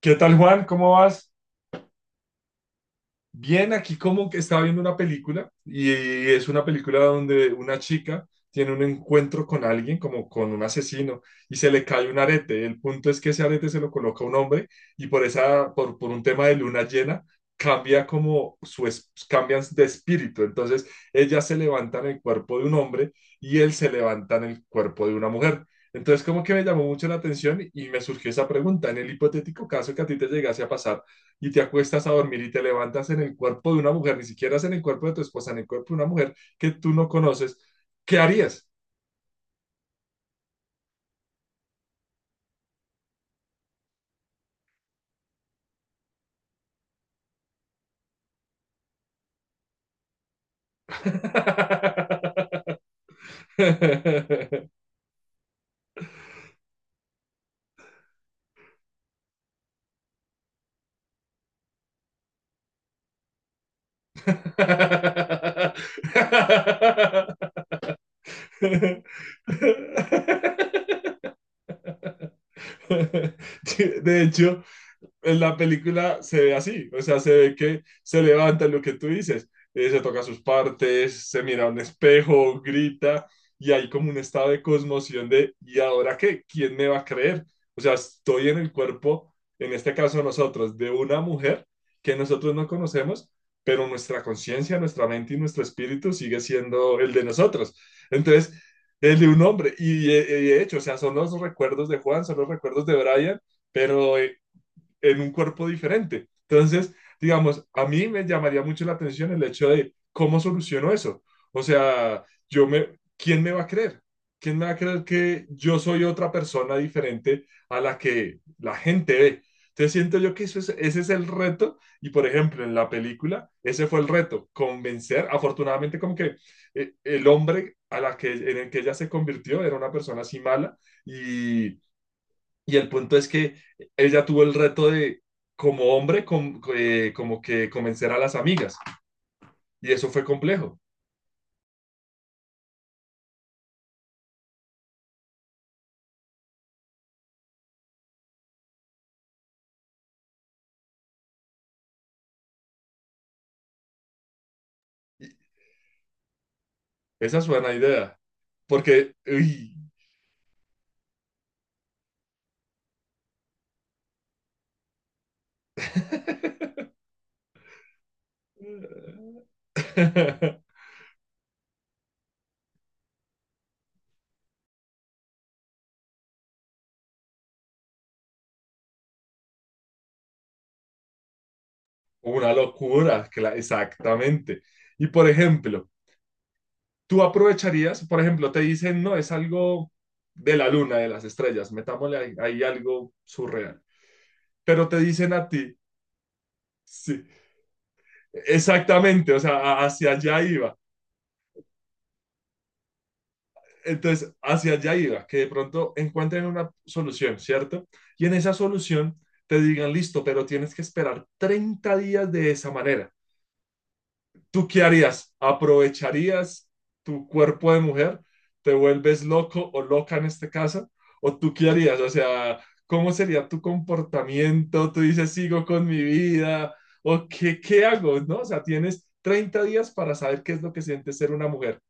¿Qué tal, Juan? ¿Cómo vas? Bien, aquí como que estaba viendo una película y es una película donde una chica tiene un encuentro con alguien, como con un asesino, y se le cae un arete. El punto es que ese arete se lo coloca un hombre y por un tema de luna llena, cambian de espíritu. Entonces, ella se levanta en el cuerpo de un hombre y él se levanta en el cuerpo de una mujer. Entonces, como que me llamó mucho la atención y me surgió esa pregunta. En el hipotético caso que a ti te llegase a pasar, y te acuestas a dormir y te levantas en el cuerpo de una mujer, ni siquiera es en el cuerpo de tu esposa, en el cuerpo de una mujer que tú no conoces, ¿qué harías? De hecho, en la película se ve así, o sea, se ve que se levanta lo que tú dices, se toca sus partes, se mira a un espejo, grita, y hay como un estado de cosmoción de, ¿y ahora qué? ¿Quién me va a creer? O sea, estoy en el cuerpo, en este caso nosotros, de una mujer que nosotros no conocemos, pero nuestra conciencia, nuestra mente y nuestro espíritu sigue siendo el de nosotros. Entonces, el de un hombre, y de hecho, o sea, son los recuerdos de Juan, son los recuerdos de Brian, pero en un cuerpo diferente. Entonces, digamos, a mí me llamaría mucho la atención el hecho de cómo soluciono eso. O sea, yo me, ¿quién me va a creer? ¿Quién me va a creer que yo soy otra persona diferente a la que la gente ve? Entonces siento yo que ese es el reto y por ejemplo en la película ese fue el reto, convencer, afortunadamente como que el hombre en el que ella se convirtió era una persona así mala y y el punto es que ella tuvo el reto de, como hombre, como que convencer a las amigas. Y eso fue complejo. Y esa es buena idea. Porque, uy, una locura, exactamente. Y por ejemplo, tú aprovecharías, por ejemplo, te dicen, no, es algo de la luna, de las estrellas, metámosle ahí algo surreal. Pero te dicen a ti, sí, exactamente, o sea, hacia allá iba. Entonces, hacia allá iba, que de pronto encuentren una solución, ¿cierto? Y en esa solución te digan, listo, pero tienes que esperar 30 días de esa manera. ¿Tú qué harías? ¿Aprovecharías tu cuerpo de mujer? ¿Te vuelves loco o loca en este caso? ¿O tú qué harías? O sea, ¿cómo sería tu comportamiento? ¿Tú dices, sigo con mi vida? ¿O qué, qué hago? ¿No? O sea, tienes 30 días para saber qué es lo que siente ser una mujer.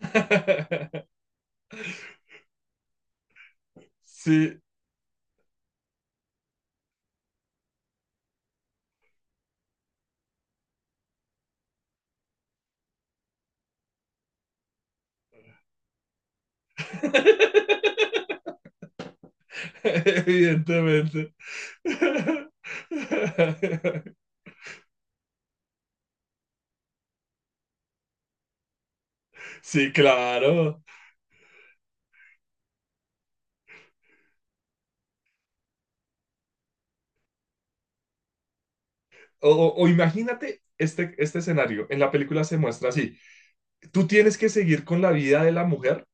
Sí. Evidentemente. Sí, claro. O, o imagínate este, este escenario. En la película se muestra así. Tú tienes que seguir con la vida de la mujer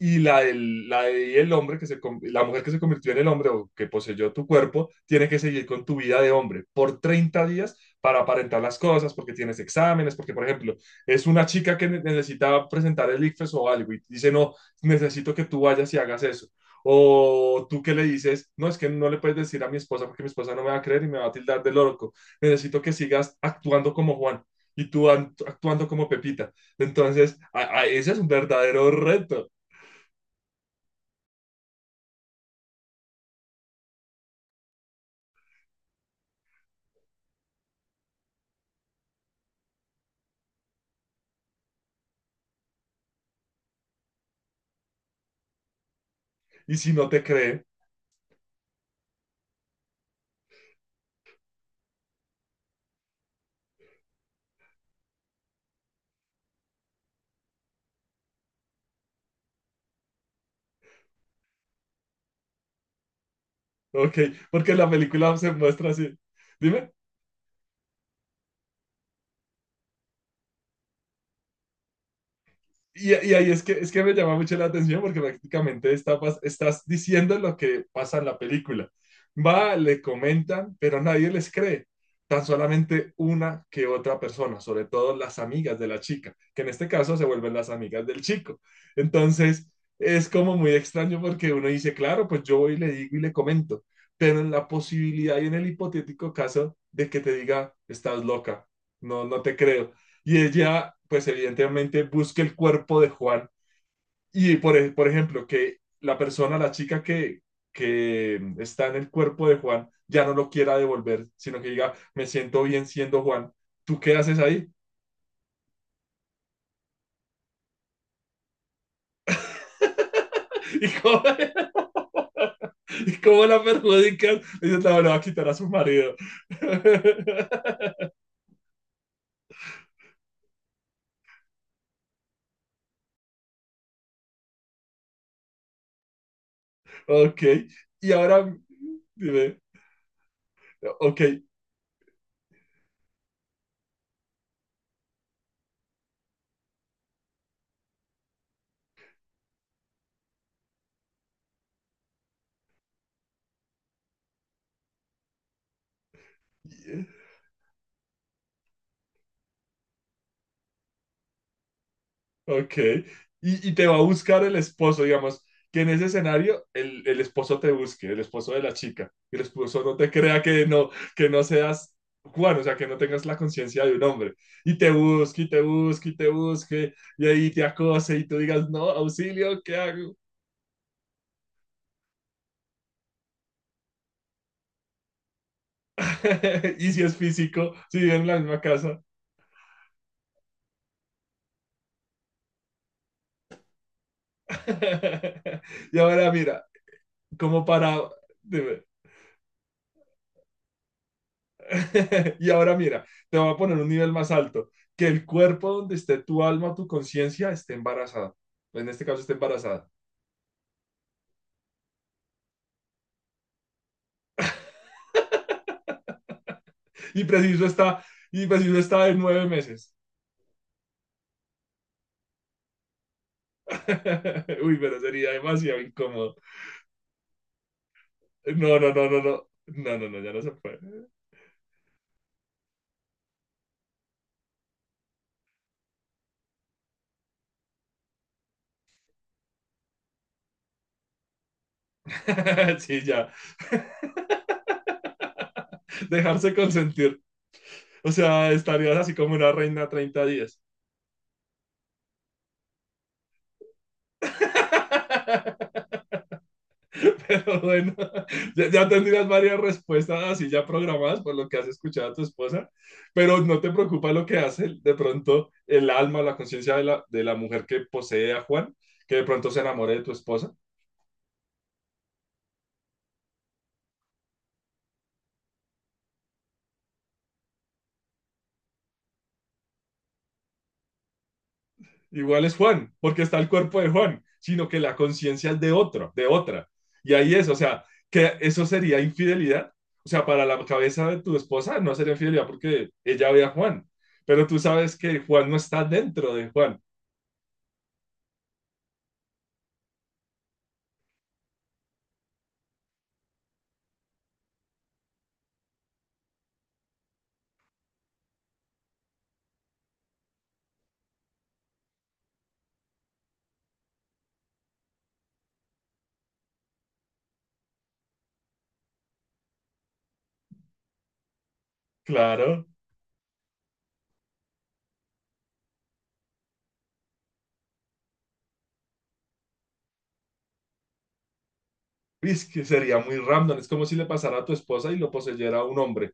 y la, del- la de- y el hombre la mujer que se convirtió en el hombre o que poseyó tu cuerpo, tiene que seguir con tu vida de hombre por 30 días para aparentar las cosas, porque tienes exámenes, porque, por ejemplo, es una chica que necesita presentar el ICFES o algo y dice, no, necesito que tú vayas y hagas eso. O tú que le dices, no, es que no le puedes decir a mi esposa porque mi esposa no me va a creer y me va a tildar de loco. Necesito que sigas actuando como Juan y tú actuando como Pepita. Entonces, ese es un verdadero reto. Y si no te cree, ok, porque la película se muestra así. Dime. Y ahí es que me llama mucho la atención porque prácticamente está, estás diciendo lo que pasa en la película. Va, le comentan, pero nadie les cree. Tan solamente una que otra persona, sobre todo las amigas de la chica, que en este caso se vuelven las amigas del chico. Entonces, es como muy extraño porque uno dice, claro, pues yo voy y le digo y le comento, pero en la posibilidad y en el hipotético caso de que te diga, estás loca, no, no te creo y ella, pues evidentemente, busca el cuerpo de Juan. Y por, por ejemplo, que la persona, la chica que está en el cuerpo de Juan, ya no lo quiera devolver, sino que diga, me siento bien siendo Juan. ¿Tú qué haces ahí? ¿Y cómo, y cómo la perjudican? Dice, no, le va a quitar a su marido. Ok. Y ahora, dime, ok. Ok. Y te va a buscar el esposo, digamos, que en ese escenario el esposo te busque, el esposo de la chica, el esposo no te crea que no seas Juan, o sea, que no tengas la conciencia de un hombre, y te busque, y te busque, y te busque, y ahí te acose, y tú digas, no, auxilio, ¿qué hago? Y si es físico, si viven en la misma casa. Y ahora mira, como para, dime. Y ahora mira, te voy a poner un nivel más alto, que el cuerpo donde esté tu alma, tu conciencia, esté embarazada. En este caso esté embarazada. Y preciso está, y preciso está de 9 meses. Uy, pero sería demasiado incómodo. No, no, no, no, no. No, no, no, ya no se puede. Sí, ya. Dejarse consentir. O sea, estarías así como una reina 30 días. Pero bueno, ya, ya tendrías varias respuestas así ya programadas por lo que has escuchado a tu esposa, pero no te preocupa lo que hace de pronto el alma, la conciencia de la mujer que posee a Juan, que de pronto se enamore de tu esposa. Igual es Juan, porque está el cuerpo de Juan, sino que la conciencia es de otro, de otra. Y ahí es, o sea, que eso sería infidelidad. O sea, para la cabeza de tu esposa no sería infidelidad porque ella ve a Juan, pero tú sabes que Juan no está dentro de Juan. Claro, es que sería muy random, es como si le pasara a tu esposa y lo poseyera un hombre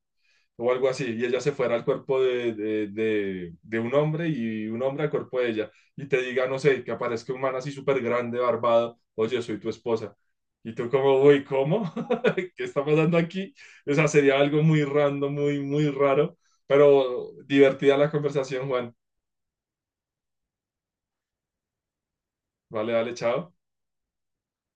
o algo así, y ella se fuera al cuerpo de, de un hombre y un hombre al cuerpo de ella, y te diga, no sé, que aparezca un man así súper grande, barbado, oye, soy tu esposa. Y tú como, uy, ¿cómo? ¿Qué está pasando aquí? O sea, sería algo muy random, muy, muy raro, pero divertida la conversación, Juan. Vale, vale, chao.